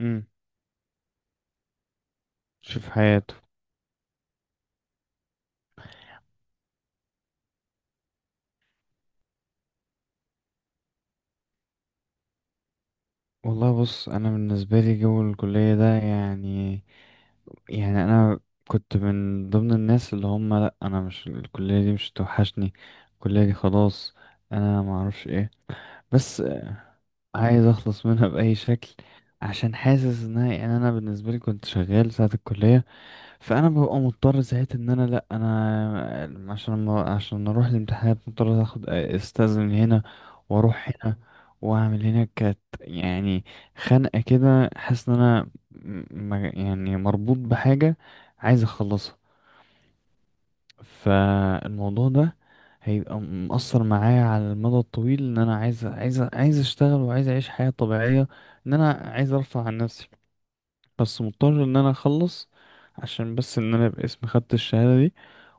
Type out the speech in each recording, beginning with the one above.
امم شوف حياته. والله، بص، انا بالنسبه لي جو الكليه ده يعني انا كنت من ضمن الناس اللي هم، لا انا مش الكليه دي مش توحشني، الكليه دي خلاص، انا ما اعرفش ايه. بس آه، عايز اخلص منها باي شكل عشان حاسس انها، يعني انا بالنسبه لي كنت شغال ساعه الكليه. فانا ببقى مضطر ساعتها ان انا، لا انا عشان، ما عشان اروح الامتحانات، مضطر اخد استاذن هنا واروح هنا واعمل هنا. كانت يعني خنقه كده، حاسس ان انا يعني مربوط بحاجه عايز اخلصها. فالموضوع ده هيبقى مأثر معايا على المدى الطويل، ان انا عايز اشتغل وعايز اعيش حياه طبيعيه، ان انا عايز ارفع عن نفسي، بس مضطر ان انا اخلص عشان بس ان انا ابقى اسمي خدت الشهاده دي،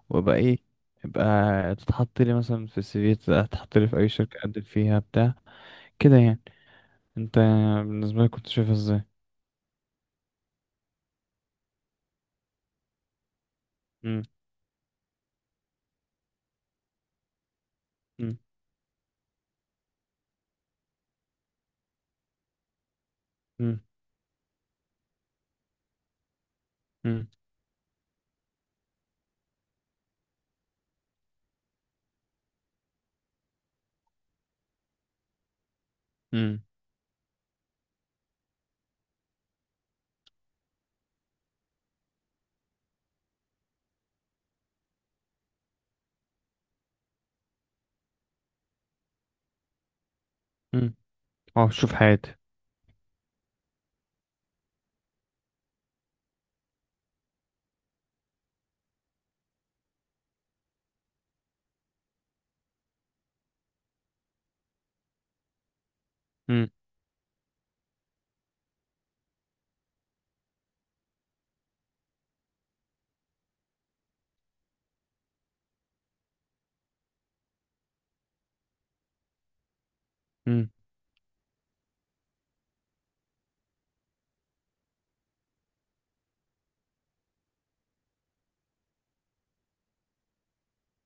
وابقى ايه، ابقى تتحط لي مثلا في السي في، تتحط لي في اي شركة اقدم فيها بتاع كده يعني. انت بالنسبة لك كنت شايفها ازاي؟ مم، مم، مم، مم، مم، مم. اه، شوف حياتي. مم، مم،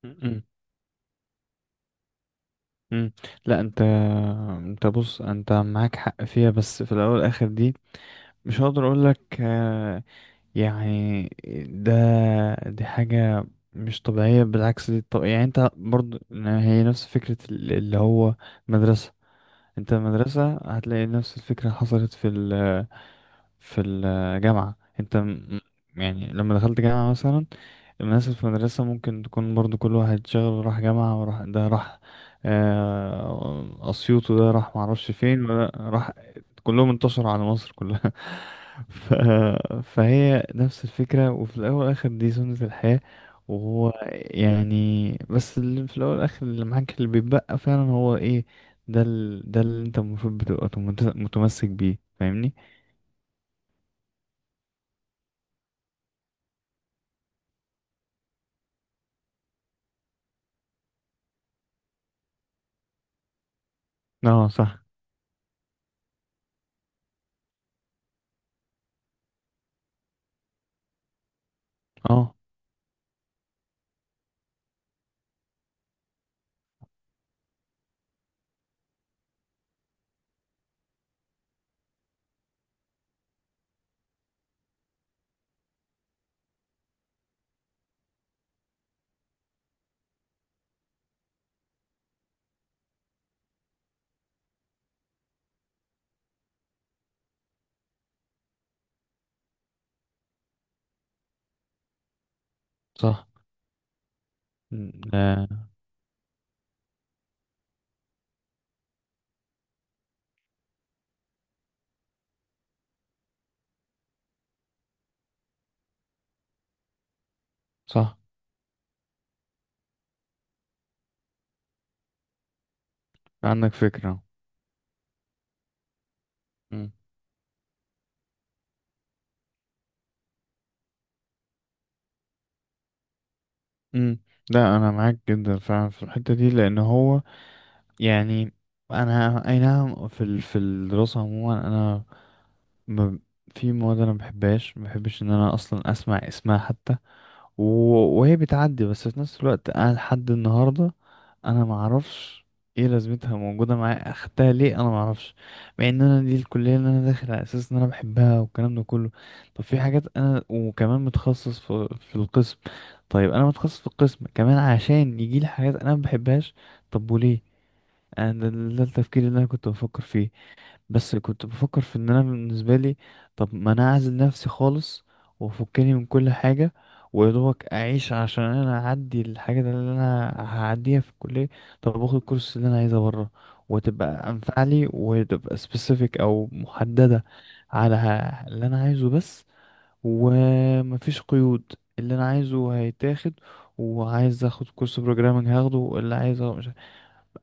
مم، مم. لا انت بص، انت معاك حق فيها، بس في الاول والاخر دي مش هقدر اقول لك. يعني ده، دي حاجة مش طبيعية، بالعكس دي. طب يعني انت برضو هي نفس فكرة اللي هو مدرسة. انت المدرسة هتلاقي نفس الفكرة حصلت في الجامعة. انت يعني لما دخلت جامعة مثلا، الناس في المدرسة ممكن تكون برضو كل واحد شغل، راح جامعة، وراح ده، راح أسيوط، وده راح معرفش فين، وده راح، كلهم انتشروا على مصر كلها. ف... فهي نفس الفكرة، وفي الأول والآخر دي سنة الحياة. وهو يعني، بس اللي في الأول والآخر اللي معاك، اللي بيتبقى فعلا هو إيه، ده اللي أنت المفروض بتبقى متمسك بيه، فاهمني؟ اه صح، اه صح. م- آه صح. عندك فكرة. م- م. لا انا معاك جدا فعلا في الحتة دي، لان هو يعني، انا اي نعم، في الدراسة عموما انا، ما في مواد انا ما بحبهاش، ما بحبش ان انا اصلا اسمع اسمها حتى. وهي بتعدي، بس في نفس الوقت انا لحد النهارده، انا ما اعرفش ايه لازمتها موجوده معايا، اخدتها ليه، انا ما اعرفش، مع ان انا دي الكليه اللي انا داخل على اساس ان انا بحبها والكلام ده كله. طب في حاجات انا، وكمان متخصص في القسم. طيب انا متخصص في القسم كمان، عشان يجي لي حاجات انا ما بحبهاش. طب وليه انا؟ ده التفكير اللي انا كنت بفكر فيه. بس كنت بفكر في ان انا بالنسبه لي، طب ما انا اعزل نفسي خالص، وافكني من كل حاجه، ويدوبك اعيش عشان انا اعدي الحاجه اللي انا هعديها في الكليه. طب باخد الكورس اللي انا عايزه بره، وتبقى انفع لي، وتبقى سبيسيفيك او محدده على اللي انا عايزه بس. ومفيش قيود، اللي انا عايزه هيتاخد. وعايز اخد كورس بروجرامنج، هاخده اللي عايزه. مش عارف.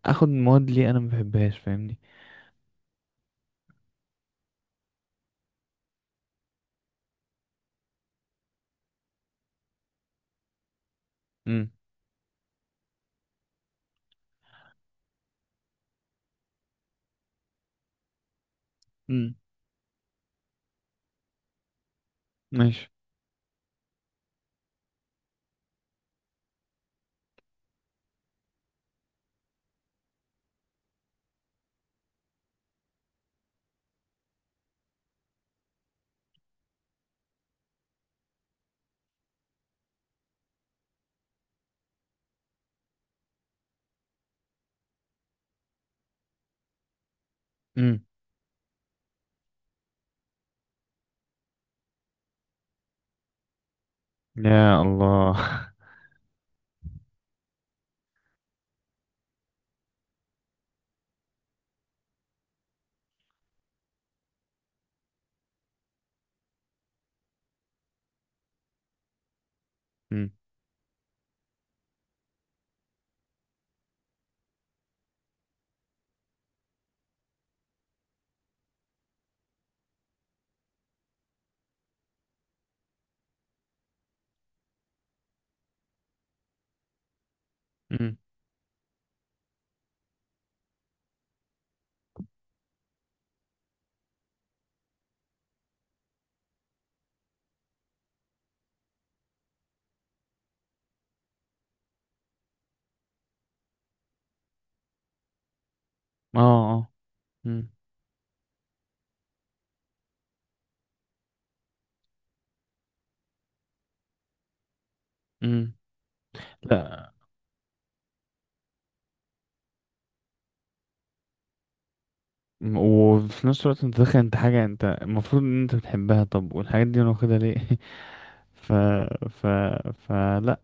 اخد مواد ليه انا ما بحبهاش؟ فاهمني؟ امم. امم. ماشي. امم. يا الله. امم. امم. اه. اه. امم. امم. لا. وفي نفس الوقت انت داخل انت حاجه انت المفروض ان انت بتحبها. طب والحاجات دي انا واخدها ليه؟ ف ف فلا،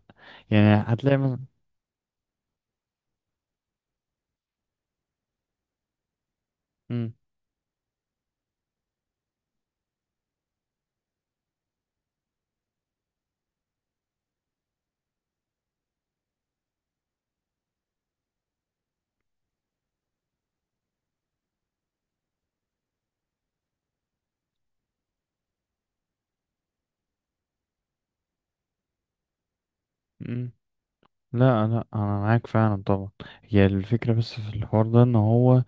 يعني هتلاقي مثلا. امم. امم. لا، لا، انا معاك فعلا طبعا. هي الفكره، بس في الحوار ده ان هو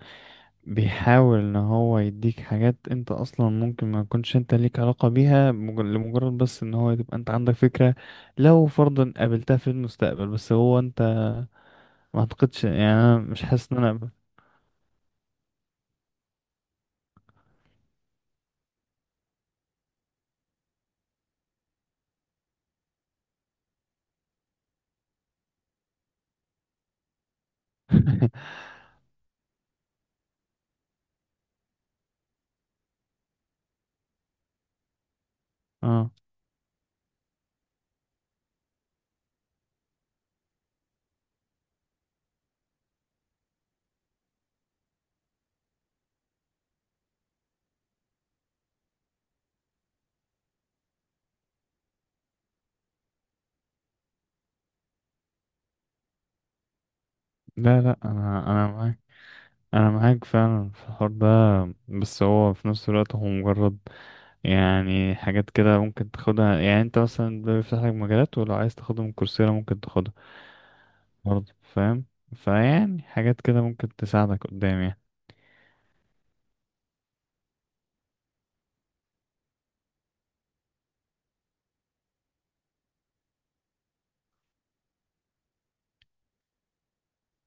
بيحاول ان هو يديك حاجات انت اصلا ممكن ما يكونش انت ليك علاقة بيها، لمجرد بس ان هو تبقى انت عندك فكرة لو فرضا قابلتها في المستقبل. بس هو انت ما اعتقدش، يعني انا مش حاسس ان انا اه. لا، لا، انا معاك، انا معاك فعلا في الحوار ده. بس هو في نفس الوقت هو مجرد، يعني حاجات كده ممكن تاخدها. يعني انت مثلا، ده بيفتح لك مجالات، ولو عايز تاخدها من كورسيرا ممكن تاخدها برضه، فاهم؟ فيعني حاجات كده ممكن تساعدك قدام يعني.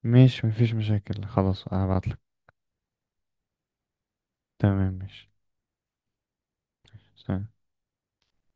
ماشي، مفيش مشاكل، خلاص هبعتلك. تمام ماشي. سلام.